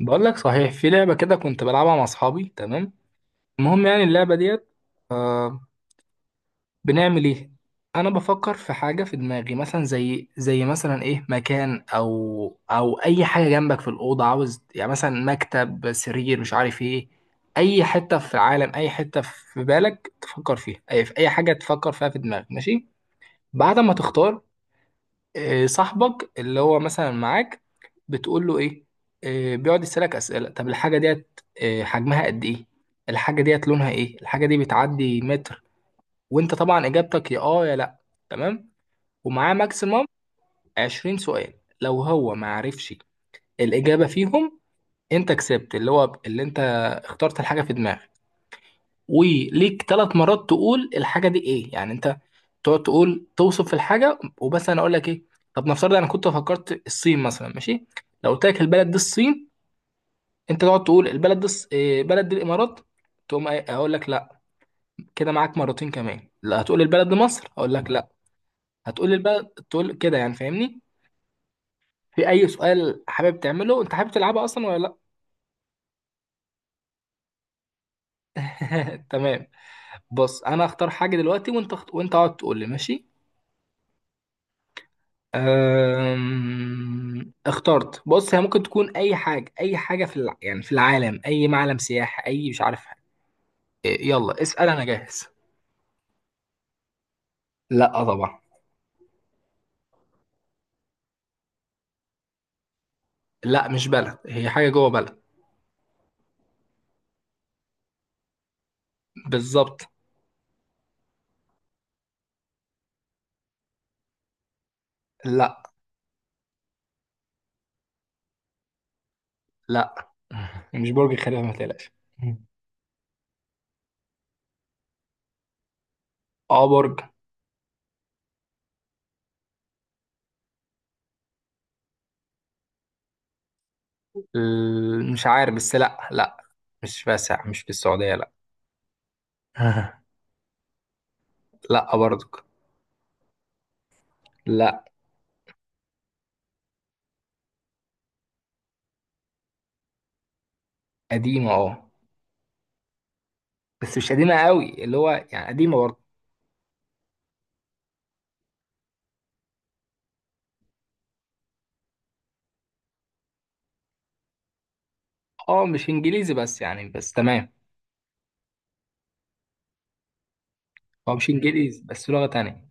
بقول لك صحيح، في لعبة كده كنت بلعبها مع أصحابي. تمام، المهم يعني اللعبة ديت. آه. بنعمل إيه؟ أنا بفكر في حاجة في دماغي، مثلا زي مثلا إيه، مكان أو أي حاجة جنبك في الأوضة، عاوز يعني مثلا مكتب، سرير، مش عارف إيه. أي حتة في العالم، أي حتة في بالك تفكر فيها، أي في أي حاجة تفكر فيها في دماغك، ماشي؟ بعد ما تختار، إيه، صاحبك اللي هو مثلا معاك، بتقول له ايه. إيه، بيقعد يسألك أسئلة. طب الحاجة ديت إيه، حجمها قد ايه، الحاجة ديت لونها ايه، الحاجة دي بتعدي متر. وانت طبعا اجابتك يا اه يا لا. تمام، ومعاه ماكسيمم 20 سؤال. لو هو ما عرفش الإجابة فيهم، انت كسبت اللي هو اللي انت اخترت الحاجة في دماغك. وليك ثلاث مرات تقول الحاجه دي ايه، يعني انت تقعد تقول توصف الحاجه وبس، انا اقول لك ايه. طب نفترض انا كنت فكرت الصين مثلا، ماشي. لو قلت لك البلد دي الصين، انت تقعد تقول البلد دي الص- إيه، بلد دي الامارات، تقوم اقول لك لا. كده معاك مرتين كمان، لا هتقول البلد دي مصر، اقول لك لا. هتقول البلد، تقول كده، يعني فاهمني. في اي سؤال حابب تعمله؟ انت حابب تلعبها اصلا ولا لا؟ تمام، بص انا اختار حاجه دلوقتي وانت وانت اقعد تقول لي، ماشي. اخترت. بص، هي ممكن تكون اي حاجه، اي حاجه يعني في العالم، اي معلم سياحي، اي مش عارف حاجة. إيه، يلا اسال، انا جاهز. لا طبعا. لا مش بلد، هي حاجه جوه بلد. بالظبط. لا لا. مش برج خليفه ما تقلقش. اه برج. مش عارف، بس لا لا، مش واسع، مش في السعوديه، لا. لا برضك. لا. قديمه اه، بس مش قديمه قوي، اللي هو يعني قديمه برضه. اه مش انجليزي بس، يعني بس تمام. هو مش انجليزي، بس لغة تانية.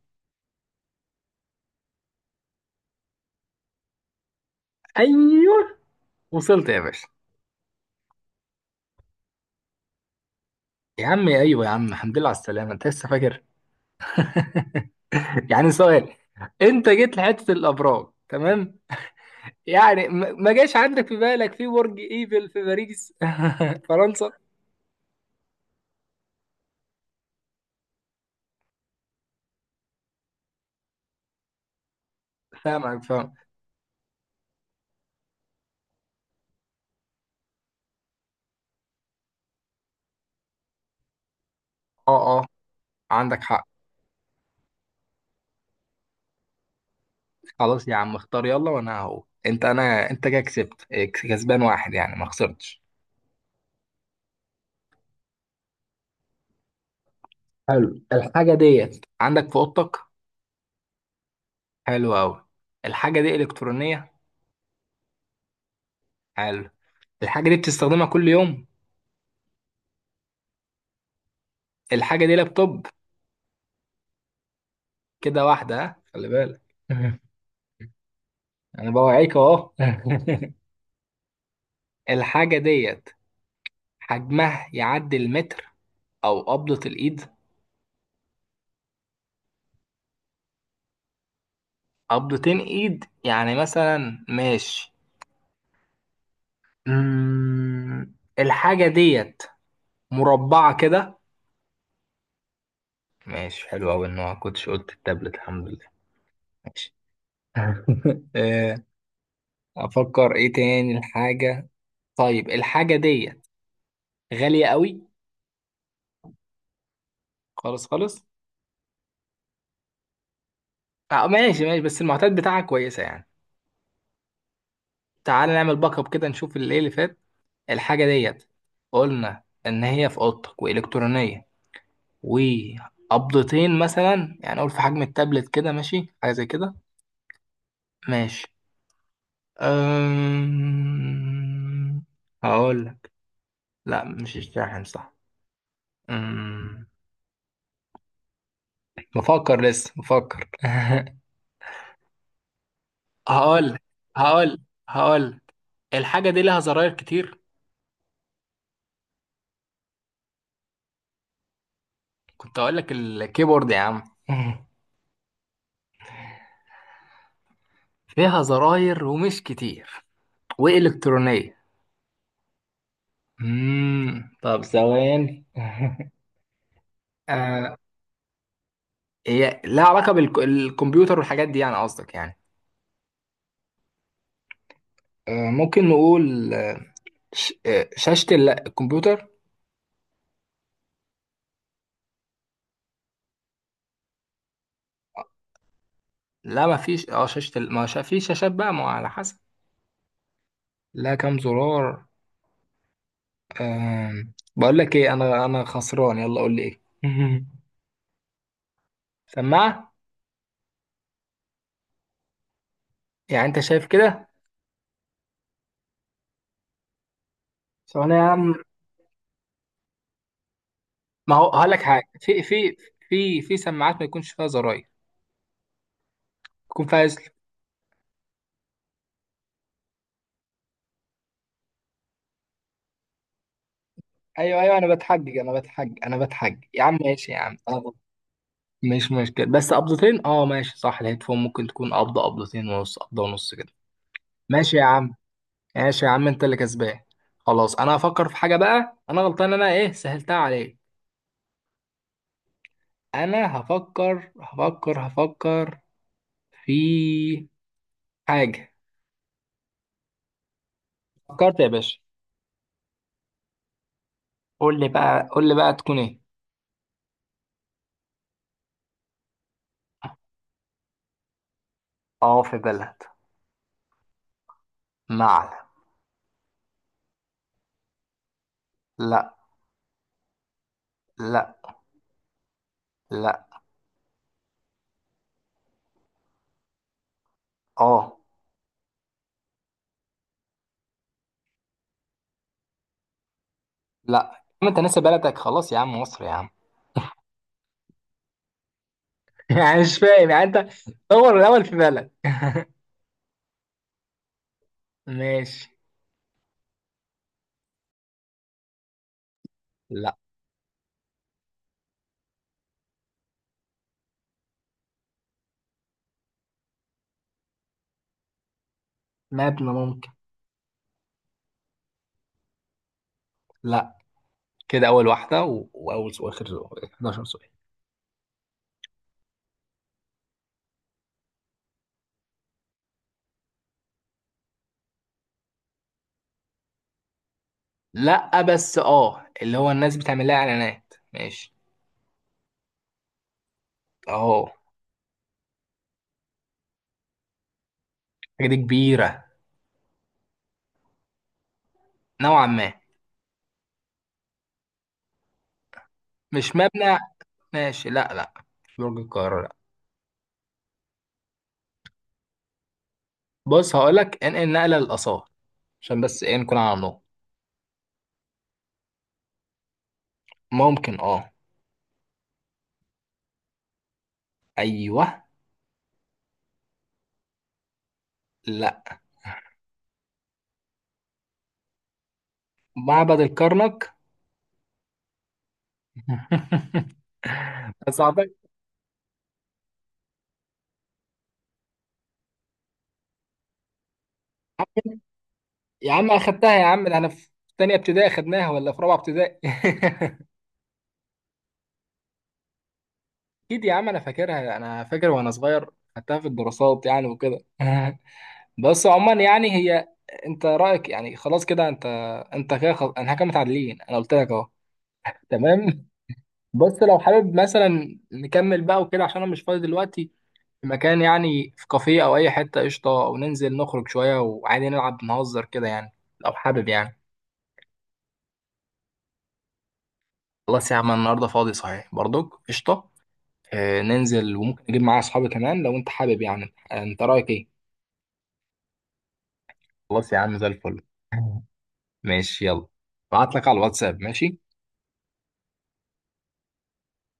ايوه. وصلت يا باشا. يا عم ايوه يا عم، الحمد لله على السلامة، انت لسه فاكر. يعني سؤال، انت جيت لحتة الابراج، تمام. يعني ما جاش عندك في بالك في برج ايفل في باريس؟ فرنسا. فاهمك، فاهم. اه اه، عندك حق. خلاص يا عم اختار يلا، وانا اهو، انت انا انت كده كسبت، إيه، كسبان واحد يعني ما خسرتش. حلو، الحاجة ديت عندك في اوضتك. حلو قوي. الحاجة دي الكترونية. حلو. الحاجة دي بتستخدمها كل يوم. الحاجة دي لابتوب؟ كده واحدة، ها، خلي بالك. أنا بوعيك أهو. الحاجة ديت حجمها يعدي المتر أو قبضة الإيد؟ قبضتين إيد يعني مثلا، ماشي. الحاجة ديت مربعة كده؟ ماشي، حلو أوي إن ما كنتش قلت التابلت، الحمد لله. ماشي. آه، أفكر إيه تاني الحاجة. طيب الحاجة ديت غالية أوي؟ خالص خالص. ماشي ماشي، بس المعطيات بتاعها كويسة يعني. تعال نعمل باك اب كده، نشوف اللي إيه اللي فات. الحاجة ديت قلنا إن هي في أوضتك، وإلكترونية، وقبضتين مثلا يعني أقول في حجم التابلت كده، ماشي، حاجة زي كده. ماشي. أم... هقول لك. لا مش الشاحن، صح. أم... بفكر لسه، بفكر. هقول هقول هقول. الحاجة دي لها زراير كتير. كنت أقول لك الكيبورد يا عم. فيها زراير ومش كتير، وإلكترونية. طب ثواني. آه، هي لها علاقة بالكمبيوتر والحاجات دي يعني، قصدك يعني. آه، ممكن نقول، آه، شاشة الكمبيوتر. لا ما فيش، اه، شاشة ال- ما شا... في شاشات بقى، ما هو على حسب. لا، كام زرار؟ بقول لك ايه، انا خسران، يلا قول لي ايه. سماعة. يعني انت شايف كده. ثواني يا عم، ما هو هقول لك حاجه، في في في سماعات ما يكونش فيها زراير، يكون فيها زر. ايوه ايوه، انا بتحجج انا بتحجج انا بتحجج يا عم، ماشي يا عم، اه. مش مشكله، بس قبضتين، اه ماشي صح، الهيدفون ممكن تكون قبضه، قبضتين ونص، قبضه ونص كده. ماشي يا عم، ماشي يا عم، انت اللي كسبان. خلاص انا هفكر في حاجه بقى، انا غلطان انا، ايه سهلتها عليك. انا هفكر هفكر هفكر في حاجه. فكرت يا باشا، قول لي بقى قول لي بقى تكون ايه. اه في بلد. معلم. لا. لا. لا. اه. لا ما انت ناسي بلدك، خلاص يا عم، مصر يا عم. يعني مش فاهم يعني انت، دور الاول في بلد. ماشي. لا. مبنى ممكن. لا. كده اول واول سؤال، اخر سؤال، 11 سؤال. لا، بس اه اللي هو الناس بتعمل لها اعلانات، ماشي. اهو. حاجه دي كبيره نوعا ما. مش مبنى. ماشي لا لا، مش برج القاهره لا. بص هقول لك، انقل نقله للاثار، عشان بس ايه، نكون على النقط. ممكن اه. ايوه. لا. معبد الكرنك. بس أعتقد- يا عم اخدتها يا عم، ده انا في تانية ابتدائي اخدناها ولا في رابعة ابتدائي. اكيد يا عم، انا فاكرها، انا فاكر وانا صغير، خدتها في الدراسات يعني وكده. بس عموما يعني هي، انت رايك يعني، خلاص كده انت، انت كده خلاص، انا كده متعادلين، انا قلت لك اهو. تمام. بس لو حابب مثلا نكمل بقى وكده، عشان انا مش فاضي دلوقتي، في مكان يعني، في كافيه او اي حته قشطه، وننزل نخرج شويه وعادي، نلعب نهزر كده يعني، لو حابب يعني. خلاص يا عم، أنا النهارده فاضي صحيح برضك، قشطه. آه ننزل، وممكن اجيب معايا اصحابي كمان لو انت حابب، يعني آه، انت رايك ايه. خلاص يا عم، زي الفل. ماشي يلا، بعت لك على الواتساب، ماشي.